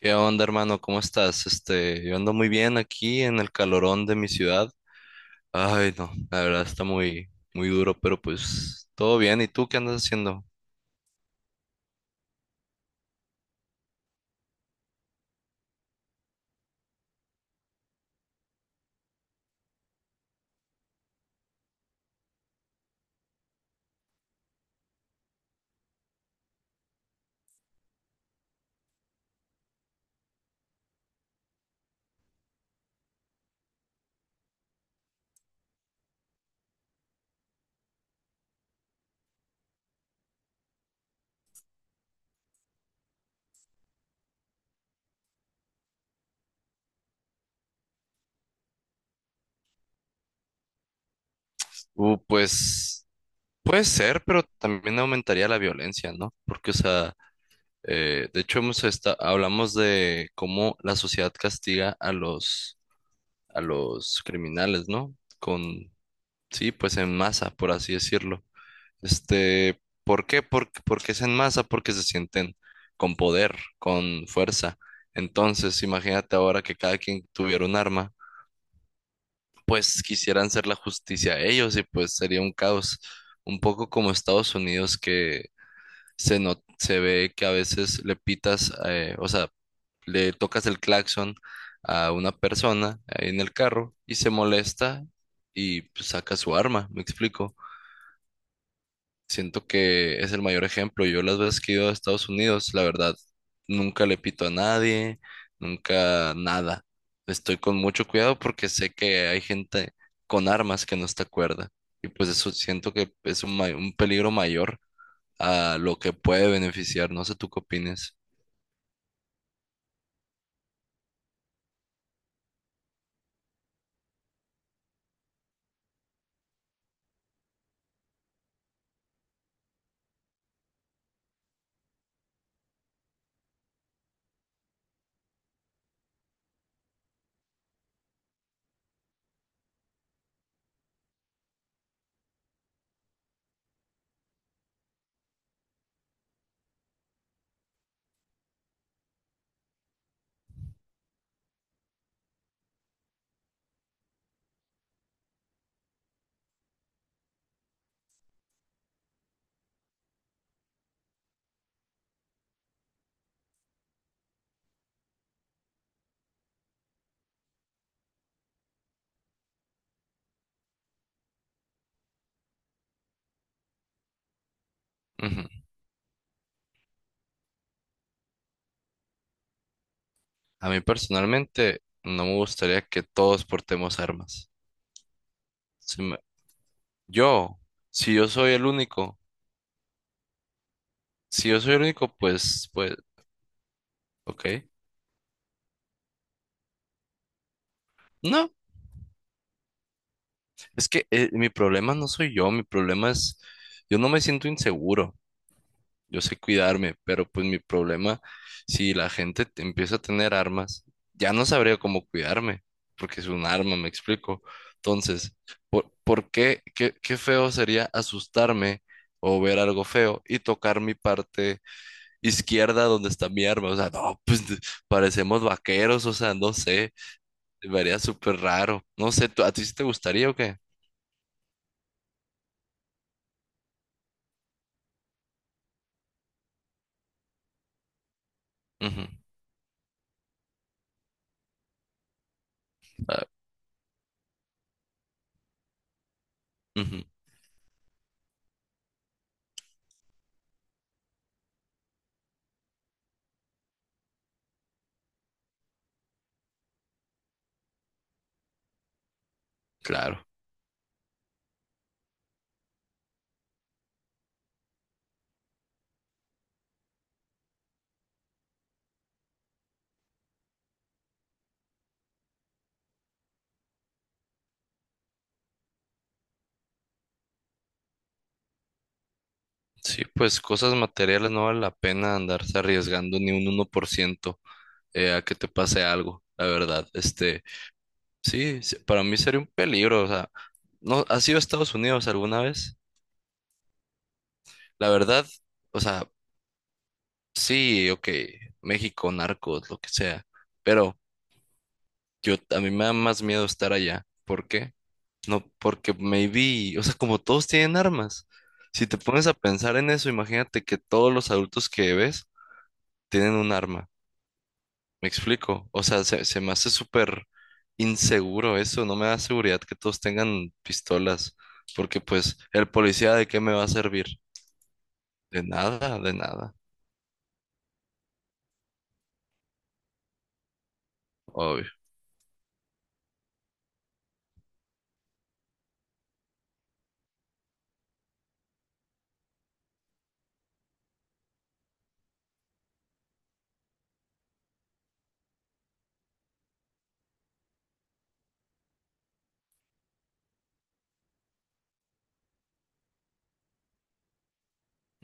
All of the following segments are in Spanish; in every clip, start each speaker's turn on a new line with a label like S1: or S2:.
S1: ¿Qué onda, hermano? ¿Cómo estás? Este, yo ando muy bien aquí en el calorón de mi ciudad. Ay, no, la verdad está muy, muy duro, pero pues todo bien. ¿Y tú qué andas haciendo? Pues puede ser, pero también aumentaría la violencia, ¿no? Porque, o sea, de hecho hablamos de cómo la sociedad castiga a los criminales, ¿no? Con, sí, pues en masa, por así decirlo. Este, ¿por qué? Porque es en masa, porque se sienten con poder, con fuerza. Entonces, imagínate ahora que cada quien tuviera un arma, pues quisieran hacer la justicia a ellos y pues sería un caos, un poco como Estados Unidos que se no, se ve que a veces le pitas, o sea, le tocas el claxon a una persona ahí en el carro y se molesta y pues, saca su arma, ¿me explico? Siento que es el mayor ejemplo. Yo las veces que he ido a Estados Unidos, la verdad, nunca le pito a nadie, nunca nada. Estoy con mucho cuidado porque sé que hay gente con armas que no está cuerda. Y pues eso siento que es un peligro mayor a lo que puede beneficiar. No sé tú qué opines. Ujú. A mí personalmente no me gustaría que todos portemos armas. Si me- yo, si yo soy el único, si yo soy el único, pues, ok. No. Es que mi problema no soy yo, mi problema es, yo no me siento inseguro, yo sé cuidarme, pero pues mi problema, si la gente empieza a tener armas, ya no sabría cómo cuidarme, porque es un arma, me explico. Entonces, ¿Qué feo sería asustarme o ver algo feo y tocar mi parte izquierda donde está mi arma? O sea, no, parecemos vaqueros, o sea, no sé, me haría súper raro. No sé, ¿a ti sí te gustaría o qué? Ujú, ah, ujú. Claro, sí, pues cosas materiales no vale la pena andarse arriesgando ni un 1%, a que te pase algo, la verdad. Este, sí, sí, para mí sería un peligro, o sea, ¿no has ido a Estados Unidos alguna vez? La verdad, o sea, sí, ok, México, narcos, lo que sea, pero yo a mí me da más miedo estar allá. ¿Por qué? No, porque maybe, o sea, como todos tienen armas. Si te pones a pensar en eso, imagínate que todos los adultos que ves tienen un arma. Me explico. O sea, se me hace súper inseguro eso. No me da seguridad que todos tengan pistolas. ¿Porque pues el policía de qué me va a servir? De nada, de nada. Obvio.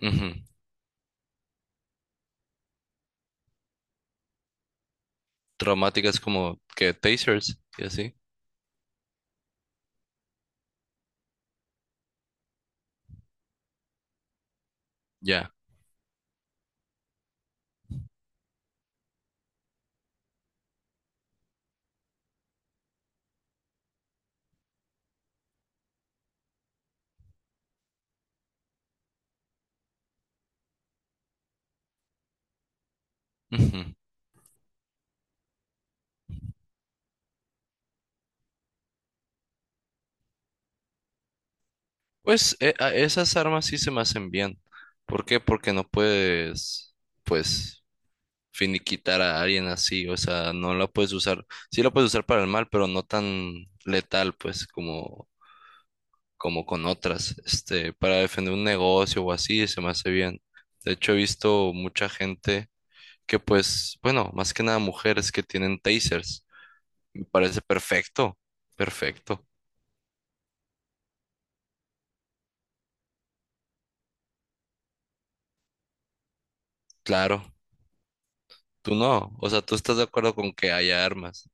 S1: Ujú. Traumáticas como que tasers y así. Ya. Ujú. Pues esas armas sí se me hacen bien. ¿Por qué? Porque no puedes, pues, finiquitar a alguien así. O sea, no la puedes usar. Sí la puedes usar para el mal, pero no tan letal, pues, como con otras, este, para defender un negocio o así, se me hace bien. De hecho, he visto mucha gente que pues, bueno, más que nada mujeres que tienen tasers. Me parece perfecto, perfecto. Claro, tú no, o sea, tú estás de acuerdo con que haya armas.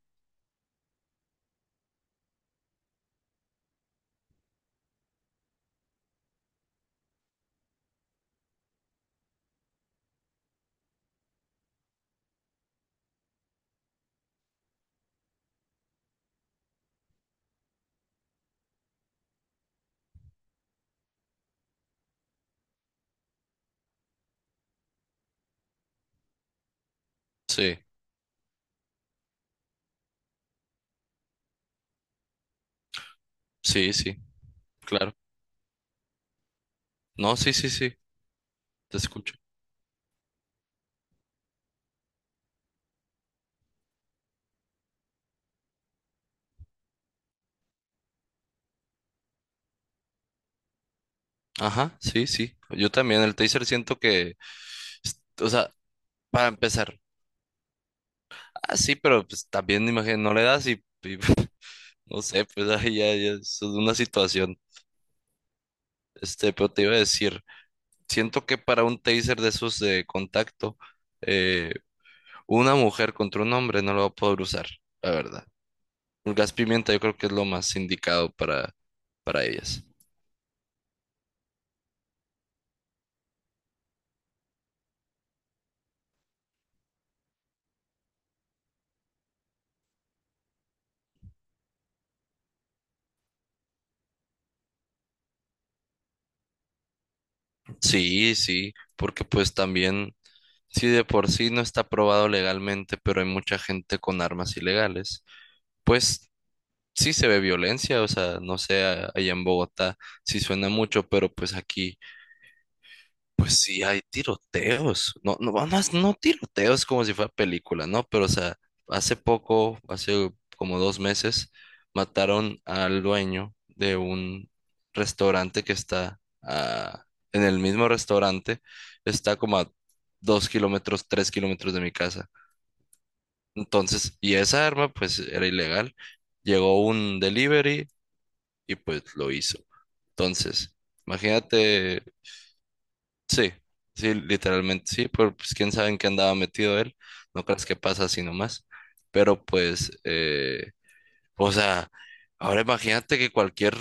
S1: Sí, sí, sí, claro. No, sí, sí, sí, te escucho. Ajá, sí, sí. Yo también, el taser siento que, o sea, para empezar, ah, sí, pero pues también imagino, no le das y no sé, pues ahí ya, ya es una situación. Este, pero te iba a decir, siento que para un taser de esos de contacto, eh, una mujer contra un hombre no lo va a poder usar, la verdad. El gas pimienta yo creo que es lo más indicado para, ellas. Sí, sí, porque pues también, si de por sí no está aprobado legalmente, pero hay mucha gente con armas ilegales, pues sí se ve violencia, o sea, no sé, allá en Bogotá sí suena mucho, pero pues aquí, pues sí, hay tiroteos. No, no, no, no tiroteos como si fuera película, ¿no? Pero, o sea, hace poco, hace como 2 meses, mataron al dueño de un restaurante que está ah, en el mismo restaurante, está como a 2 kilómetros, 3 kilómetros de mi casa. Entonces, y esa arma, pues, era ilegal. Llegó un delivery y pues lo hizo. Entonces, imagínate. Sí, sí, literalmente sí, pero pues quién sabe en qué andaba metido él, no creas que pasa así nomás, pero pues, o sea, ahora imagínate que cualquier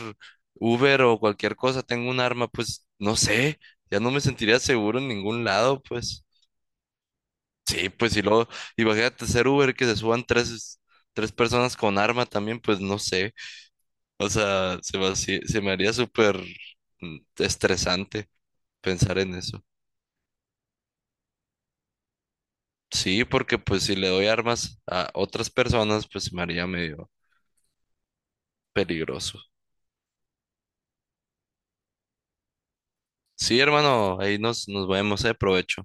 S1: Uber o cualquier cosa tenga un arma, pues no sé, ya no me sentiría seguro en ningún lado, pues sí, pues y luego, imagínate ser Uber que se suban tres personas con arma también, pues no sé, o sea, se me haría súper estresante pensar en eso. Sí, porque pues si le doy armas a otras personas, pues se me haría medio peligroso. Sí, hermano, ahí nos vemos, provecho.